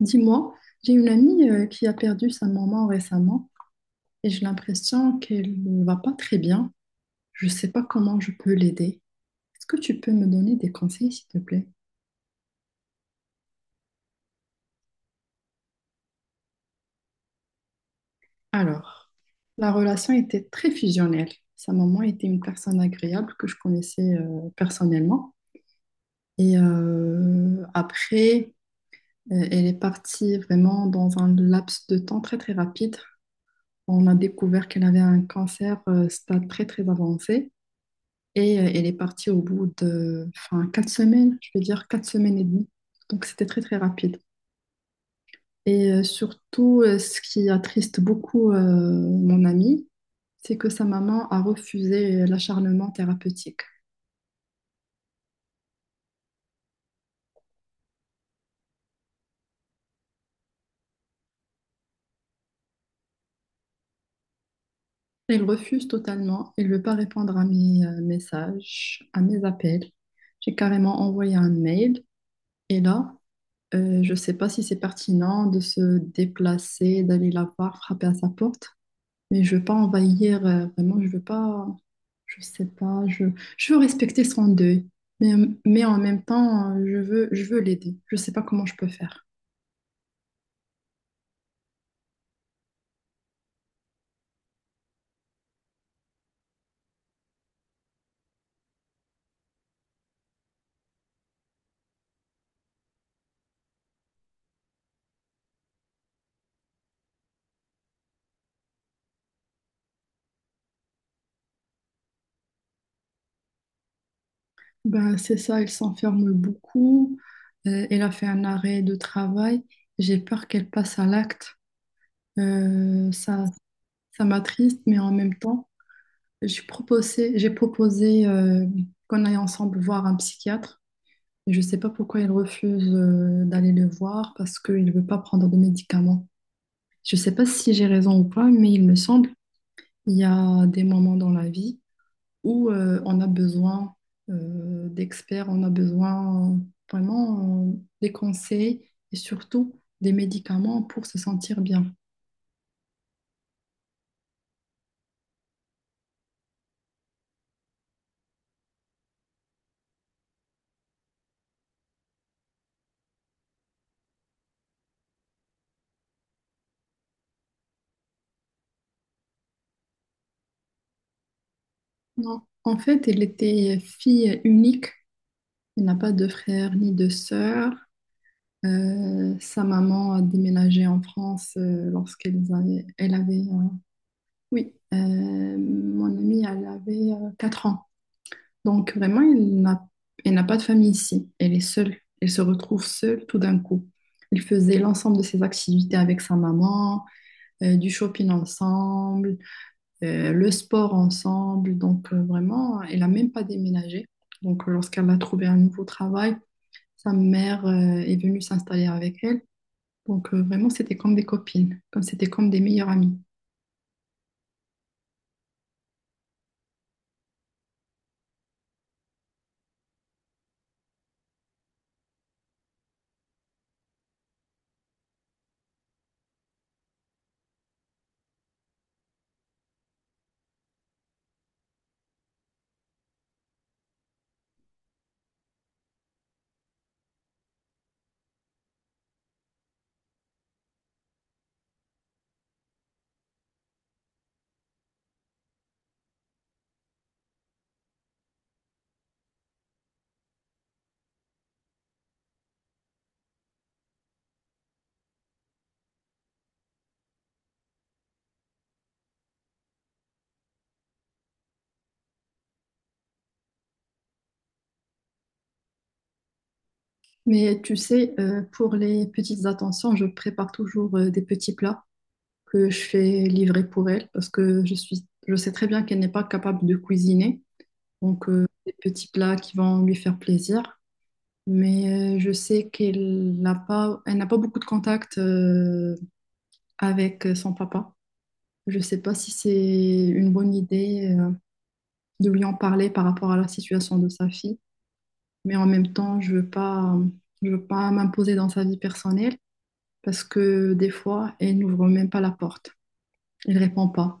Dis-moi, j'ai une amie qui a perdu sa maman récemment et j'ai l'impression qu'elle ne va pas très bien. Je ne sais pas comment je peux l'aider. Est-ce que tu peux me donner des conseils, s'il te plaît? Alors, la relation était très fusionnelle. Sa maman était une personne agréable que je connaissais personnellement. Et après, elle est partie vraiment dans un laps de temps très très rapide. On a découvert qu'elle avait un cancer stade très très avancé. Et elle est partie au bout de enfin, 4 semaines, je veux dire 4 semaines et demie. Donc c'était très très rapide. Et surtout, ce qui attriste beaucoup mon amie, c'est que sa maman a refusé l'acharnement thérapeutique. Elle refuse totalement, elle ne veut pas répondre à mes messages, à mes appels. J'ai carrément envoyé un mail. Et là, je ne sais pas si c'est pertinent de se déplacer, d'aller la voir, frapper à sa porte. Mais je veux pas envahir, vraiment, je veux pas, je sais pas, je veux respecter son deuil, mais, mais en même temps, je veux l'aider. Je sais pas comment je peux faire. Ben, c'est ça, elle s'enferme beaucoup, elle a fait un arrêt de travail, j'ai peur qu'elle passe à l'acte. Ça, ça m'attriste, mais en même temps, j'ai proposé qu'on aille ensemble voir un psychiatre. Je sais pas pourquoi elle refuse d'aller le voir parce qu'il veut pas prendre de médicaments. Je sais pas si j'ai raison ou pas, mais il me semble, il y a des moments dans la vie où on a besoin d'experts, on a besoin vraiment des conseils et surtout des médicaments pour se sentir bien. Non. En fait, elle était fille unique. Elle n'a pas de frère ni de sœur. Sa maman a déménagé en France lorsqu'elle avait, elle avait oui, mon amie, elle avait 4 ans. Donc vraiment, elle n'a pas de famille ici. Elle est seule. Elle se retrouve seule tout d'un coup. Ils faisaient l'ensemble de ses activités avec sa maman, du shopping ensemble, le sport ensemble. Donc vraiment, elle n'a même pas déménagé. Donc lorsqu'elle a trouvé un nouveau travail, sa mère est venue s'installer avec elle. Donc vraiment, c'était comme des copines, comme c'était comme des meilleures amies. Mais tu sais, pour les petites attentions, je prépare toujours des petits plats que je fais livrer pour elle parce que je suis, je sais très bien qu'elle n'est pas capable de cuisiner. Donc, des petits plats qui vont lui faire plaisir. Mais je sais qu'elle n'a pas beaucoup de contact avec son papa. Je ne sais pas si c'est une bonne idée de lui en parler par rapport à la situation de sa fille. Mais en même temps, je ne veux pas, je veux pas m'imposer dans sa vie personnelle parce que des fois, elle n'ouvre même pas la porte. Elle ne répond pas.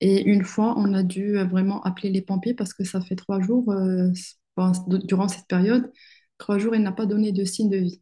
Et une fois, on a dû vraiment appeler les pompiers parce que ça fait 3 jours, enfin, durant cette période, 3 jours, il n'a pas donné de signe de vie.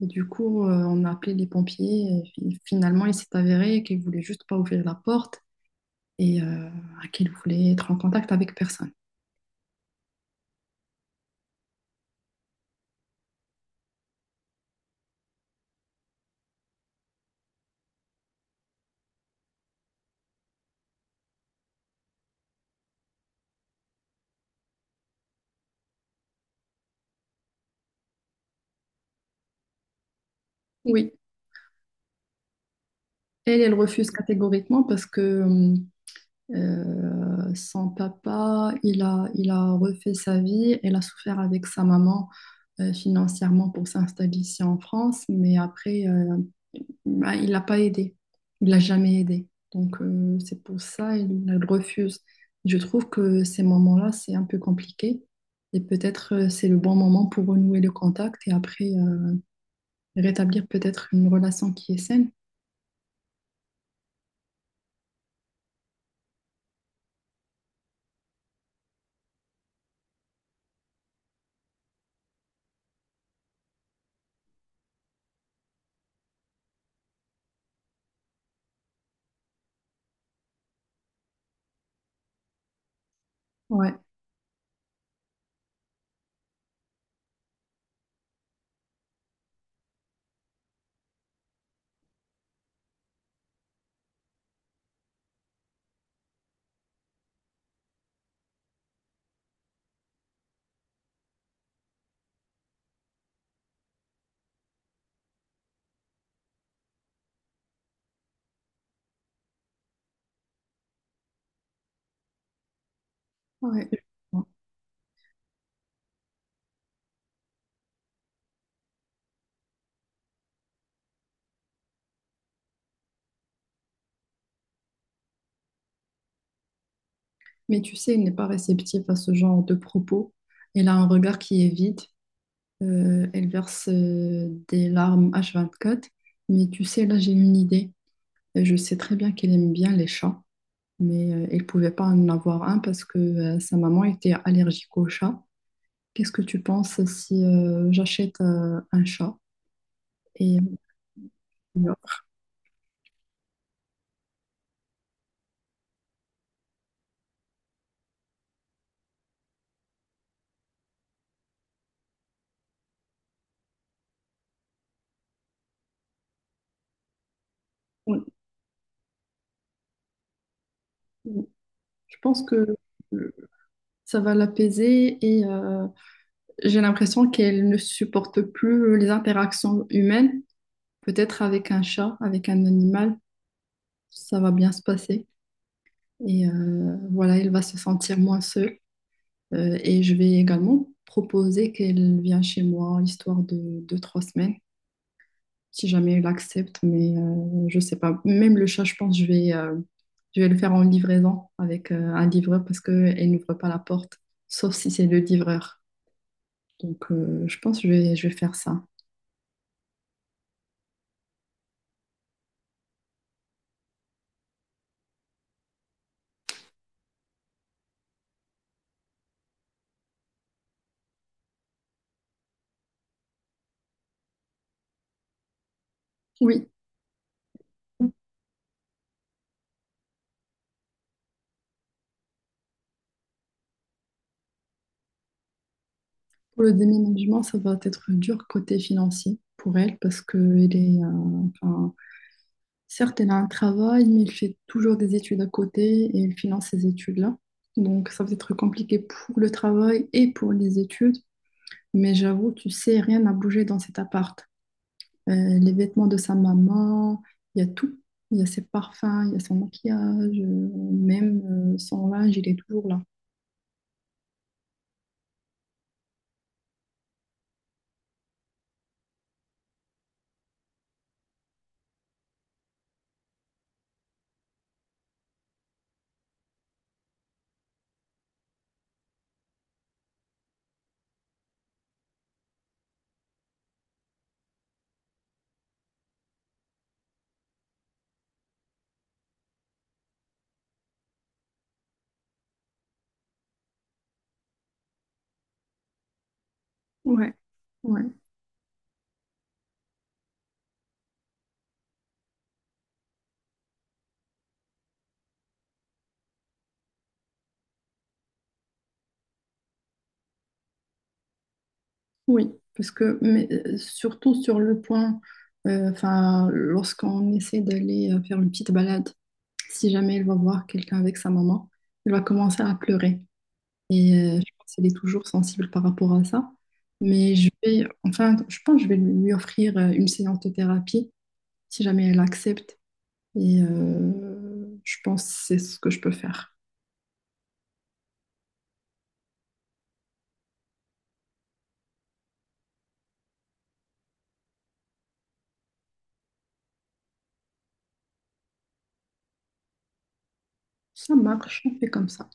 Et du coup, on a appelé les pompiers et finalement, il s'est avéré qu'il voulait juste pas ouvrir la porte et qu'il voulait être en contact avec personne. Oui, elle refuse catégoriquement parce que son papa, il a refait sa vie. Elle a souffert avec sa maman financièrement pour s'installer ici en France, mais après, bah, il l'a pas aidé. Il l'a jamais aidé. Donc, c'est pour ça il elle refuse. Je trouve que ces moments-là, c'est un peu compliqué. Et peut-être c'est le bon moment pour renouer le contact et après rétablir peut-être une relation qui est saine. Ouais, ouais. Mais tu sais, elle n'est pas réceptive à ce genre de propos. Elle a un regard qui est vide. Elle verse des larmes H24. Mais tu sais, là, j'ai une idée. Et je sais très bien qu'elle aime bien les chats, mais elle ne pouvait pas en avoir un parce que sa maman était allergique aux chats. Qu'est-ce que tu penses si j'achète un chat? Et euh, on- je pense que euh, ça va l'apaiser et j'ai l'impression qu'elle ne supporte plus les interactions humaines. Peut-être avec un chat, avec un animal, ça va bien se passer. Et voilà, elle va se sentir moins seule. Et je vais également proposer qu'elle vienne chez moi, histoire de deux, trois semaines, si jamais elle accepte. Mais je sais pas. Même le chat, je pense, je vais le faire en livraison avec un livreur parce qu'elle n'ouvre pas la porte, sauf si c'est le livreur. Donc, je pense que je vais faire ça. Oui. Pour le déménagement, ça va être dur côté financier pour elle parce que elle est, enfin, certes, elle a un travail, mais elle fait toujours des études à côté et elle finance ces études-là. Donc, ça va être compliqué pour le travail et pour les études. Mais j'avoue, tu sais, rien n'a bougé dans cet appart. Les vêtements de sa maman, il y a tout. Il y a ses parfums, il y a son maquillage, même son linge, il est toujours là. Ouais. Ouais. Oui, parce que mais, surtout sur le point, enfin, lorsqu'on essaie d'aller faire une petite balade, si jamais elle va voir quelqu'un avec sa maman, elle va commencer à pleurer. Et je pense qu'elle est toujours sensible par rapport à ça. Mais je vais, enfin, je pense que je vais lui offrir une séance de thérapie si jamais elle accepte. Et je pense que c'est ce que je peux faire. Ça marche, on fait comme ça.